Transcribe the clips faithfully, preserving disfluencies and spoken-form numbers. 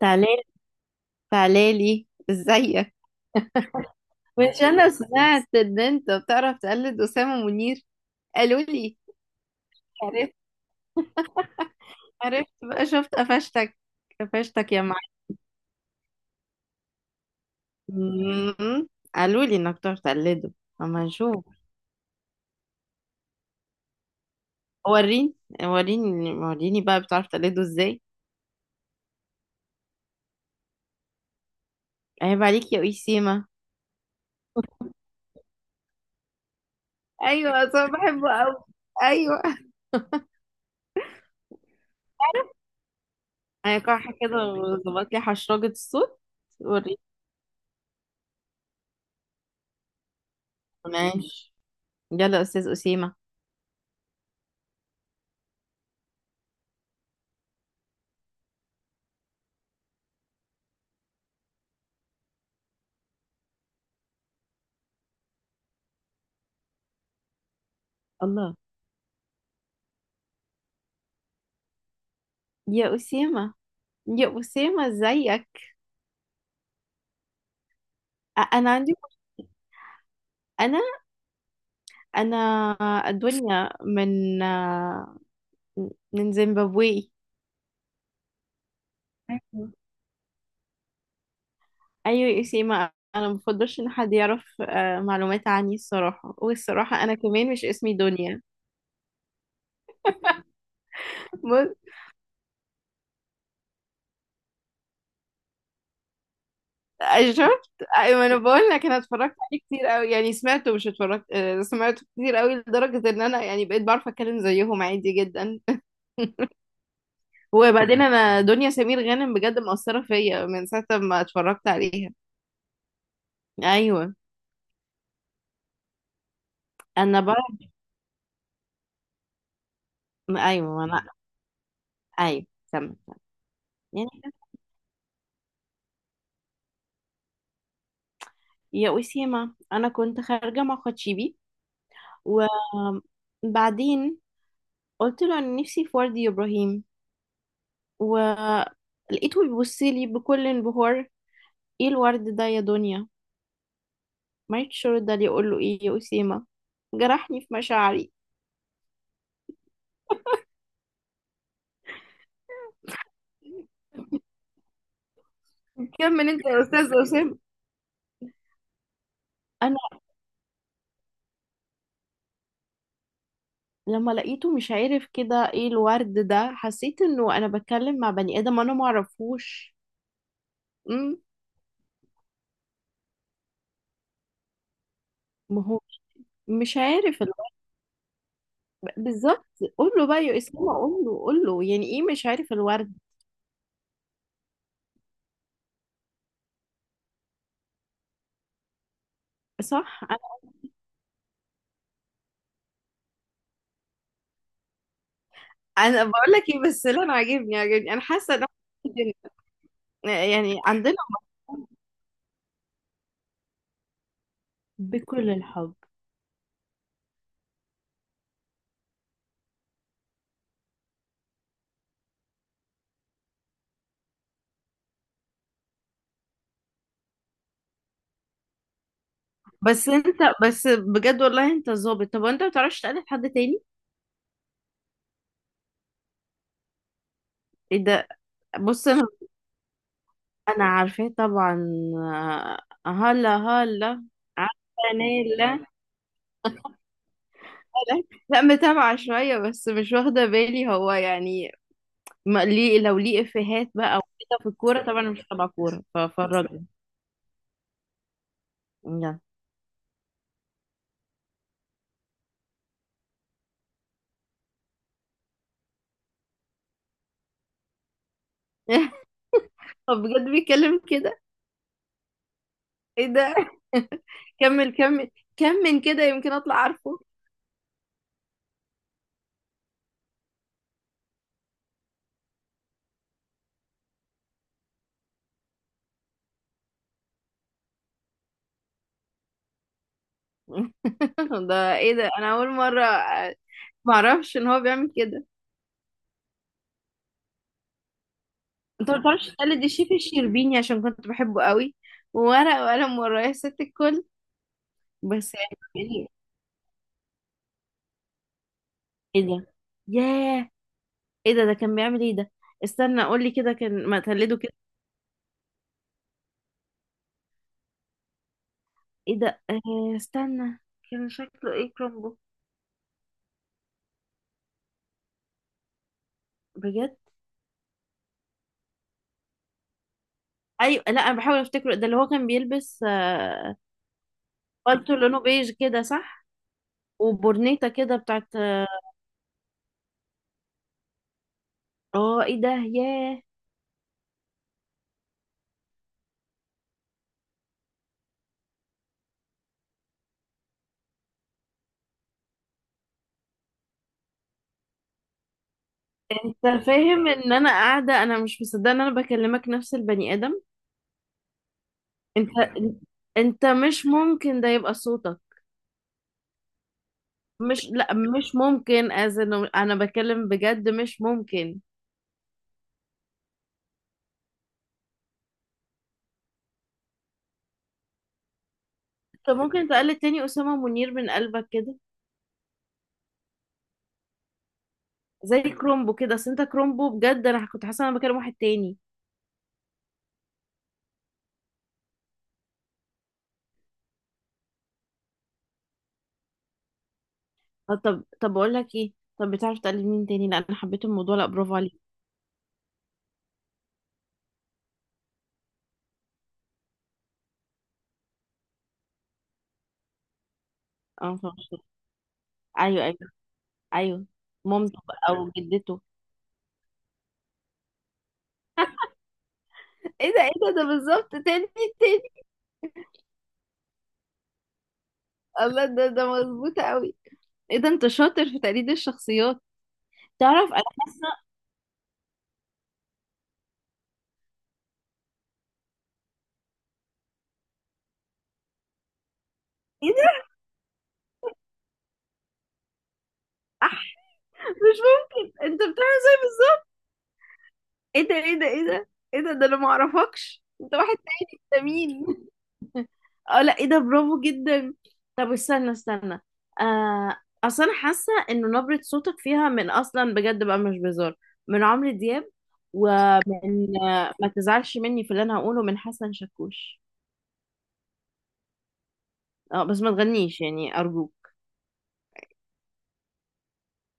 تعالي، تعالي، ازيك؟ مش انا سمعت ان انت بتعرف تقلد اسامه منير؟ قالوا لي. عرفت. عرفت بقى، شفت؟ قفشتك، قفشتك يا معلم. قالوا لي انك بتعرف تقلده، اما نشوف. وريني، وريني، وريني بقى، بتعرف تقلده ازاي؟ عيب عليك يا وسيمه. ايوه، اصلا بحبه قوي. ايوه. هيقعها كده وظبط لي حشرجه الصوت. وريني. ماشي. يلا يا استاذ اسيمه. الله. يا أسامة، يا أسامة، ازيك؟ أ- أنا عندي. أنا أنا الدنيا من من زيمبابوي. أيوة. أيوة يا أسامة، أنا مفضلش إن حد يعرف آه، معلومات عني الصراحة، والصراحة أنا كمان مش اسمي دنيا. بص. شفت؟ أيوة، أنا بقول لك، أنا اتفرجت عليه كتير أوي، يعني سمعته مش اتفرجت، آه، سمعته كتير أوي لدرجة إن أنا يعني بقيت بعرف أتكلم زيهم عادي جدا. وبعدين انا دنيا سمير غانم بجد مأثرة فيا من ساعة ما اتفرجت عليها. ايوه. انا بقى. ايوه، انا. ايوه. تمام. يعني، يا أسيما، انا كنت خارجة مع خدشيبي. وبعدين قلت له: انا نفسي في ورد يا ابراهيم. ولقيته بيبص لي بكل انبهار. ايه الورد ده يا دنيا؟ مالكش رد عليه. اقول له ايه يا أسيما؟ جرحني في مشاعري. كمل انت يا استاذ أسامة. لما لقيته مش عارف كده ايه الورد ده، حسيت انه انا بتكلم مع بني ادم انا معرفوش. امم ما هو مش عارف ال- بالظبط. قول له بقى يا اسامه، قول له، قول له، يعني ايه مش عارف الورد؟ صح. انا انا بقول لك ايه، بس لا انا عاجبني عاجبني، انا حاسه ان إحنا- يعني عندنا. بكل الحب. بس انت، بس بجد والله انت ظابط. طب وانت ما بتعرفش تقلد حد تاني؟ ايه ده؟ بص، انا انا عارفاه طبعا. آه، هلا هلا. عارفه نيلا. لا، متابعه شويه بس مش واخده بالي هو يعني، ما ليه، لو ليه افيهات بقى وكده في الكوره، طبعا أنا مش تبع كوره، ففرجني. يلا. طب بجد بيتكلم كده؟ ايه ده؟ كمل، كمل، كمل كده يمكن اطلع عارفه. ده ايه ده؟ انا اول مره آه، معرفش ان هو بيعمل كده. انت ما تعرفش تقلد الشيف الشربيني؟ عشان كنت بحبه قوي، وورق وقلم ورايا ست الكل. بس، يعني، ايه ده؟ ياه. ايه ده؟ ده كان بيعمل ايه ده؟ استنى قول لي كده كان، ما تقلده كده. ايه ده؟ آه، استنى. كان شكله ايه كرومبو؟ بجد. ايوه، لا انا بحاول افتكره، ده اللي هو كان بيلبس. آه، بالتو لونه بيج كده، صح. وبورنيتا كده بتاعت. اه، ايه ده؟ ياه. انت فاهم ان انا قاعده انا مش مصدقه ان انا بكلمك نفس البني ادم؟ انت، انت مش ممكن ده يبقى صوتك. مش، لا، مش ممكن، از انه انا بتكلم بجد، مش ممكن. انت ممكن تقلد تاني اسامه منير من قلبك كده، زي كرومبو كده؟ اصل انت كرومبو بجد، انا كنت حاسه انا بكلم واحد تاني. طب، طب، طب، بقول لك ايه، طب بتعرف تقلد مين تاني؟ لا انا حبيت الموضوع، لا برافو عليك. اه، فاهمة. ايوه، ايوه. ايوه. مامته بقى او جدته. ايه ده؟ ايه ده؟ ده بالظبط. تاني، تاني. الله، ده ده مظبوط قوي. ايه ده؟ انت شاطر في تقليد الشخصيات. تعرف انا حاسه. ايه ده؟ أح. مش ممكن، انت بتعمل زي بالظبط. ايه ده؟ ايه ده؟ ايه ده؟ ايه ده؟ ده انا ما اعرفكش، انت واحد تاني، انت مين؟ اه لا، ايه ده؟ برافو جدا. طب استنى، استنى. آه. اصل انا حاسه انه نبره صوتك فيها من اصلا بجد بقى، مش بهزار، من عمرو دياب، ومن آه، ما تزعلش مني في اللي انا هقوله، من حسن شاكوش. اه، بس ما تغنيش يعني ارجوك.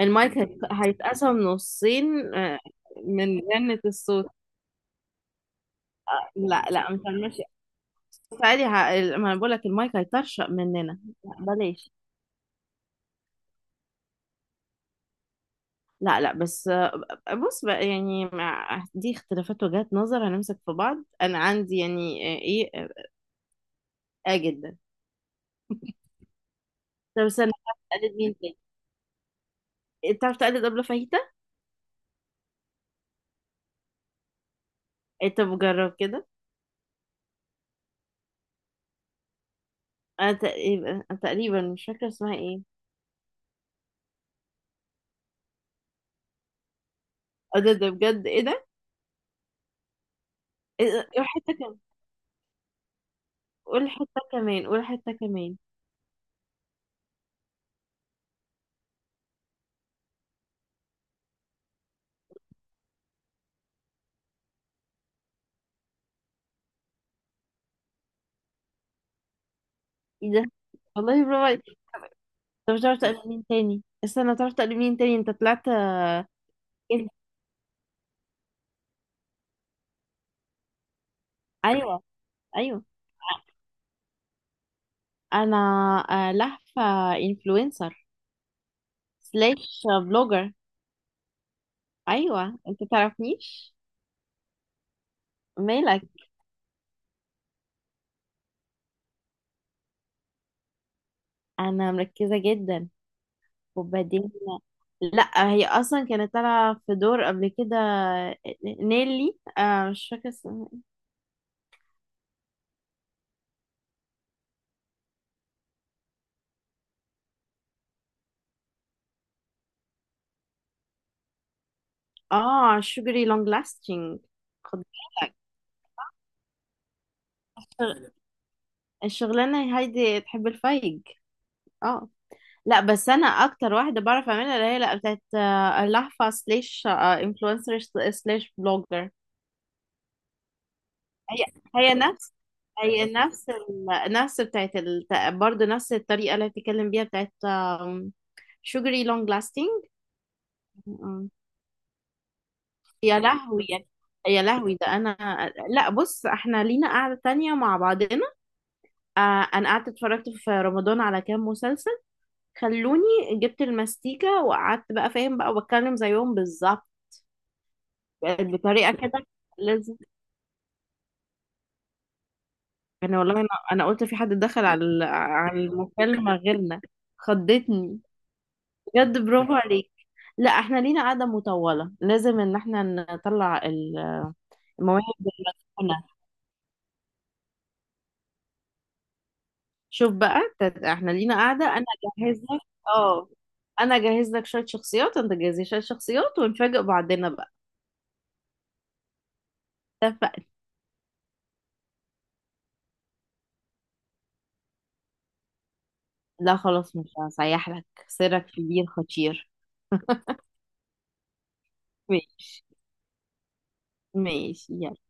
المايك هيت- هيتقسم نصين. آه، من غنة الصوت. لا لا، مش هنمشي. بس عادي، ه- ال- ما انا بقول لك المايك هيطرشق مننا. لا، بلاش. لا لا، بس آه، بص بقى، يعني مع دي اختلافات وجهات نظر هنمسك في بعض. انا عندي يعني، آه، ايه، اه. آه، جدا. طب استنى، بتعرف تقلد مين تاني؟ إيه، بتعرف تقلد أبلة فاهيتا؟ إيه، طب جرب كده. انا تقريبا، أنا تقريبا مش فاكره اسمها ايه. اه، ده ده بجد، ايه ده؟ إيه ده؟ قول حته كمان، قول حته كمان، قول حته كمان. ايه ده؟ والله برافو عليك. طب بتعرف تقلد مين تاني؟ استنى، بتعرف تقلد مين تاني؟ انت طلعت كده. ايوه، ايوه. انا، آه، لهفة انفلونسر سلاش بلوجر. ايوه انت تعرفنيش، مالك. انا مركزة جدا. وبعدين لا، هي اصلا كانت طالعة في دور قبل كده، نيلي، آه مش فاكرة اسمها. اه، شوجري لونج لاستنج. خد بالك، الشغلانة هايدي تحب الفايج. اه، لا بس انا اكتر واحدة بعرف اعملها اللي هي لا، بتاعت آه، لهفة سلاش انفلونسر سلاش بلوجر. هي هي نفس، هي نفس ال... نفس بتاعت ال... برضه نفس الطريقة اللي بتتكلم بيها بتاعت شوجري لونج لاستنج. يا لهوي يا، يا لهوي، ده انا، لا بص احنا لينا قعدة تانية مع بعضنا. آه. انا قعدت اتفرجت في رمضان على كام مسلسل خلوني، جبت الماستيكة وقعدت بقى فاهم بقى وبتكلم زيهم بالظبط بطريقة كده. لازم. انا والله، انا انا قلت في حد دخل على ال- على المكالمة غيرنا. خضتني. بجد برافو عليك. لا احنا لينا قعدة مطولة، لازم ان احنا نطلع ال- المواهب المدفونة. شوف بقى، تت- احنا لينا قعدة. انا اجهز لك. اه. انا اجهز لك شوية شخصيات، انت تجهزي شوية شخصيات، ونفاجئ بعضنا بقى. اتفقنا. لا خلاص، مش هسيح لك سرك في دي الخطير. ماشي. ماشي يلا